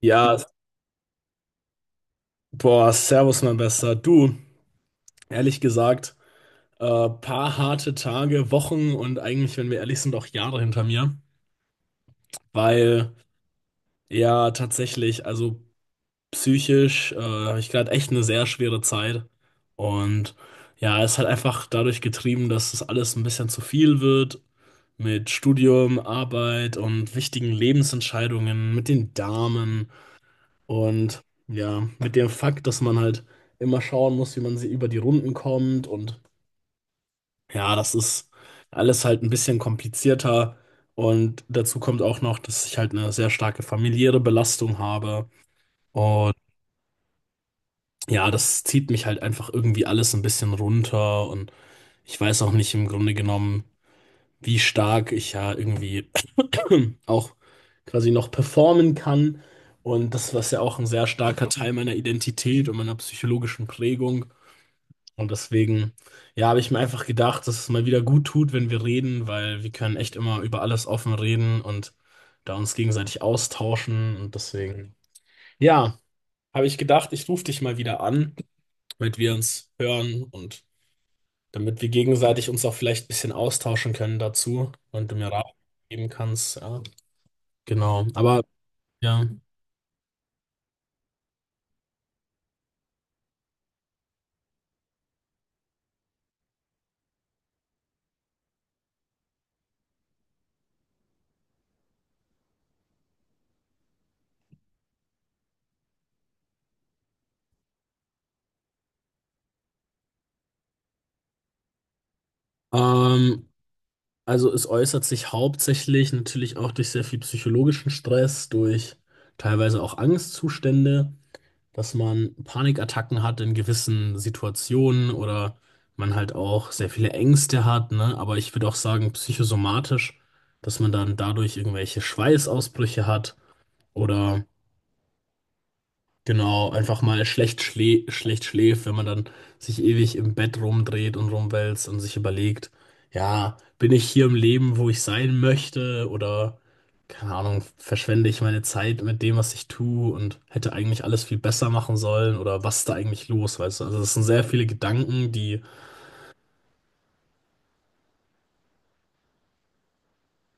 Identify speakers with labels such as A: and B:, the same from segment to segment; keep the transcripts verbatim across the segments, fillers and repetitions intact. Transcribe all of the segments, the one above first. A: Ja, boah, servus, mein Bester. Du, ehrlich gesagt, äh, paar harte Tage, Wochen und eigentlich, wenn wir ehrlich sind, auch Jahre hinter mir, weil ja tatsächlich, also psychisch, äh, habe ich gerade echt eine sehr schwere Zeit. Und ja, es hat einfach dadurch getrieben, dass das alles ein bisschen zu viel wird mit Studium, Arbeit und wichtigen Lebensentscheidungen, mit den Damen. Und ja, mit dem Fakt, dass man halt immer schauen muss, wie man sie über die Runden kommt, und ja, das ist alles halt ein bisschen komplizierter. Und dazu kommt auch noch, dass ich halt eine sehr starke familiäre Belastung habe. Und ja, das zieht mich halt einfach irgendwie alles ein bisschen runter. Und ich weiß auch nicht im Grunde genommen, wie stark ich ja irgendwie auch quasi noch performen kann. Und das, was ja auch ein sehr starker Teil meiner Identität und meiner psychologischen Prägung. Und deswegen, ja, habe ich mir einfach gedacht, dass es mal wieder gut tut, wenn wir reden, weil wir können echt immer über alles offen reden und da uns gegenseitig austauschen. Und deswegen, ja, habe ich gedacht, ich rufe dich mal wieder an, damit wir uns hören und damit wir gegenseitig uns auch vielleicht ein bisschen austauschen können dazu und du mir Rat geben kannst. Ja, genau. Aber ja, ähm, also es äußert sich hauptsächlich natürlich auch durch sehr viel psychologischen Stress, durch teilweise auch Angstzustände. Dass man Panikattacken hat in gewissen Situationen oder man halt auch sehr viele Ängste hat, ne? Aber ich würde auch sagen, psychosomatisch, dass man dann dadurch irgendwelche Schweißausbrüche hat oder genau, einfach mal schlecht, schlä schlecht schläft, wenn man dann sich ewig im Bett rumdreht und rumwälzt und sich überlegt, ja, bin ich hier im Leben, wo ich sein möchte, oder, keine Ahnung, verschwende ich meine Zeit mit dem, was ich tue und hätte eigentlich alles viel besser machen sollen, oder was ist da eigentlich los, weißt du? Also es sind sehr viele Gedanken, die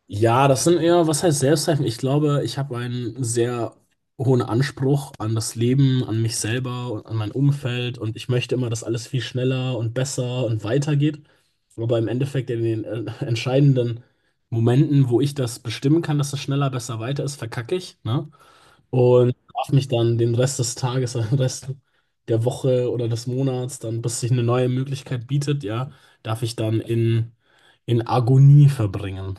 A: ja, das sind eher, was heißt Selbstzweifel? Ich glaube, ich habe einen sehr hohen Anspruch an das Leben, an mich selber und an mein Umfeld, und ich möchte immer, dass alles viel schneller und besser und weitergeht. Aber im Endeffekt in den äh, entscheidenden Momenten, wo ich das bestimmen kann, dass es schneller, besser, weiter ist, verkacke ich, ne? Und darf mich dann den Rest des Tages, den Rest der Woche oder des Monats, dann bis sich eine neue Möglichkeit bietet, ja, darf ich dann in, in Agonie verbringen.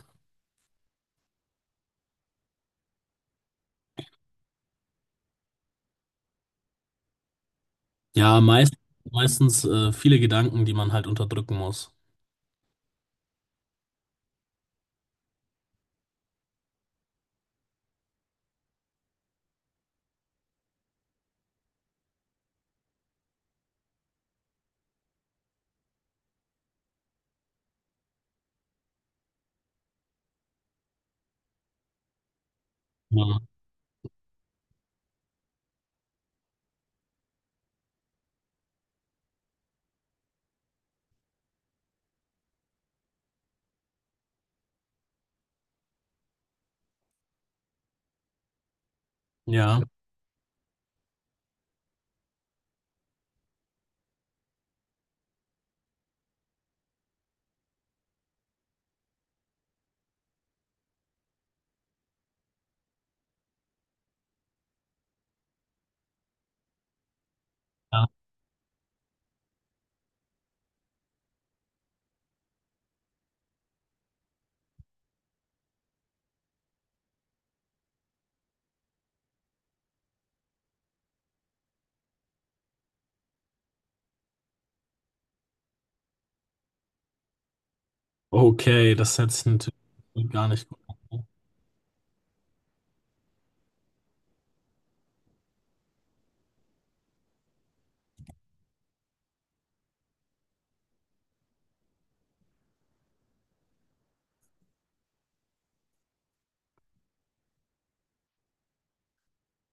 A: Ja, meist, meistens äh, viele Gedanken, die man halt unterdrücken muss. Ja, ja. Ja. Okay, das hätte ich natürlich gar nicht gut.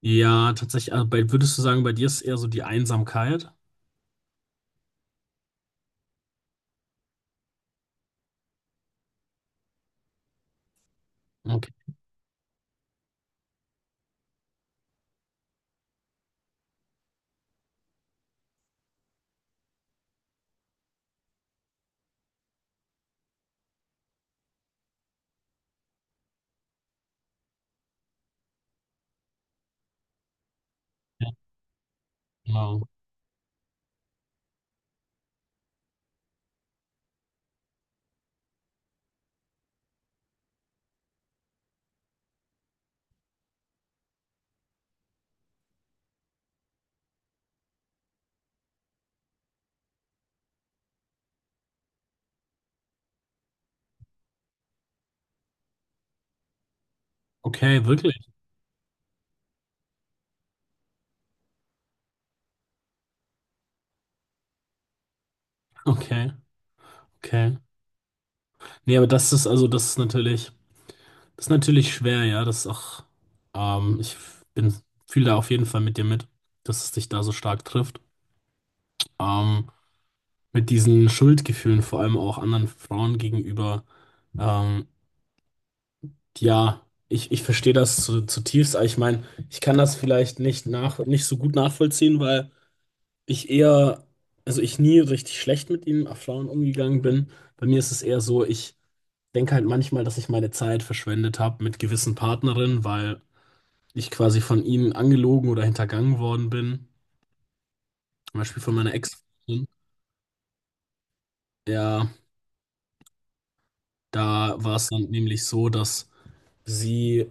A: Ja, tatsächlich, also bei, würdest du sagen, bei dir ist eher so die Einsamkeit? Okay, ja, genau. Okay, wirklich? Okay, okay. Nee, aber das ist, also das ist natürlich, das ist natürlich schwer, ja. Das ist auch, ähm, ich bin, fühle da auf jeden Fall mit dir mit, dass es dich da so stark trifft. Ähm, mit diesen Schuldgefühlen, vor allem auch anderen Frauen gegenüber. Ähm, ja, ich, ich verstehe das zu, zutiefst, aber ich meine, ich kann das vielleicht nicht nach, nicht so gut nachvollziehen, weil ich eher, also ich nie richtig schlecht mit ihm auf Flauen umgegangen bin. Bei mir ist es eher so, ich denke halt manchmal, dass ich meine Zeit verschwendet habe mit gewissen Partnerinnen, weil ich quasi von ihnen angelogen oder hintergangen worden bin. Zum Beispiel von meiner Ex-Freundin. Ja, da war es dann nämlich so, dass sie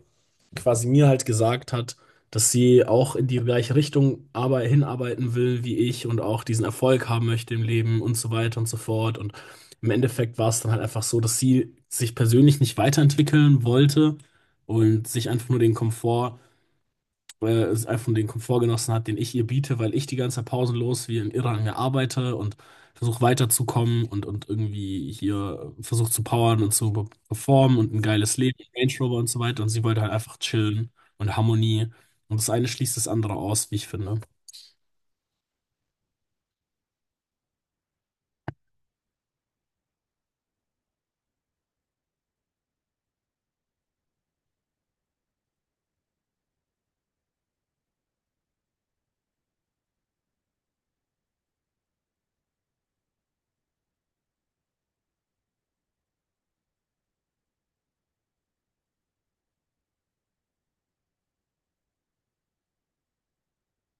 A: quasi mir halt gesagt hat, dass sie auch in die gleiche Richtung aber hinarbeiten will wie ich und auch diesen Erfolg haben möchte im Leben und so weiter und so fort. Und im Endeffekt war es dann halt einfach so, dass sie sich persönlich nicht weiterentwickeln wollte und sich einfach nur den Komfort äh, es einfach den Komfort genossen hat, den ich ihr biete, weil ich die ganze Zeit pausenlos wie ein Irrer an ihr arbeite und versuche weiterzukommen und, und irgendwie hier versuche zu powern und zu be- performen und ein geiles Leben, Range Rover und so weiter. Und sie wollte halt einfach chillen und Harmonie. Und das eine schließt das andere aus, wie ich finde.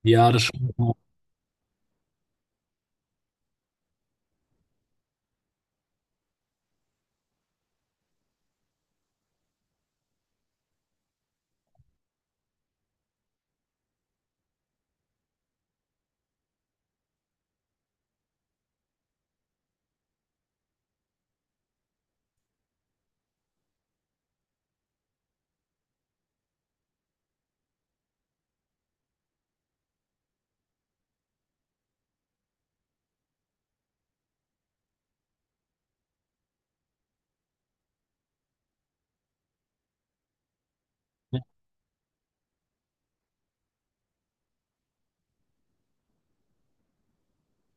A: Ja, das schon.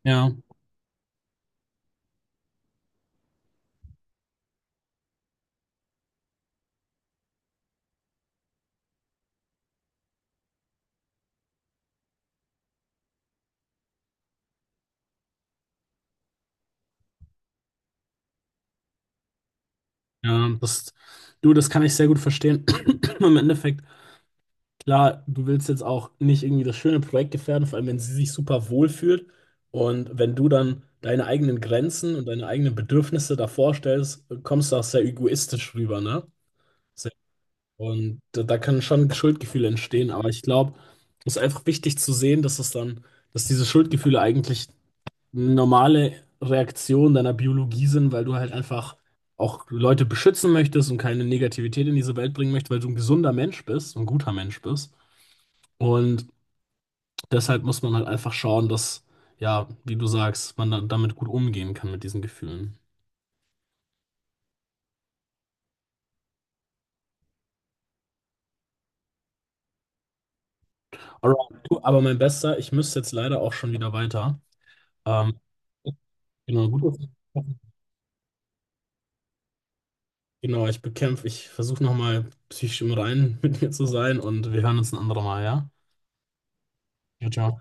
A: Ja, ja, das, du, das kann ich sehr gut verstehen. Im Endeffekt. Klar, du willst jetzt auch nicht irgendwie das schöne Projekt gefährden, vor allem wenn sie sich super wohl fühlt, und wenn du dann deine eigenen Grenzen und deine eigenen Bedürfnisse davor stellst, kommst du auch sehr egoistisch rüber, ne? Sehr- Und da, da können schon Schuldgefühle entstehen, aber ich glaube, es ist einfach wichtig zu sehen, dass es dann, dass diese Schuldgefühle eigentlich eine normale Reaktion deiner Biologie sind, weil du halt einfach auch Leute beschützen möchtest und keine Negativität in diese Welt bringen möchtest, weil du ein gesunder Mensch bist, ein guter Mensch bist. Und deshalb muss man halt einfach schauen, dass, ja, wie du sagst, man da, damit gut umgehen kann mit diesen Gefühlen. Alright, du, aber mein Bester, ich müsste jetzt leider auch schon wieder weiter. Ähm, genau, gut. Genau, ich bekämpfe, ich versuche nochmal psychisch im Reinen mit mir zu sein, und wir hören uns ein anderes Mal, ja? Ciao, ciao.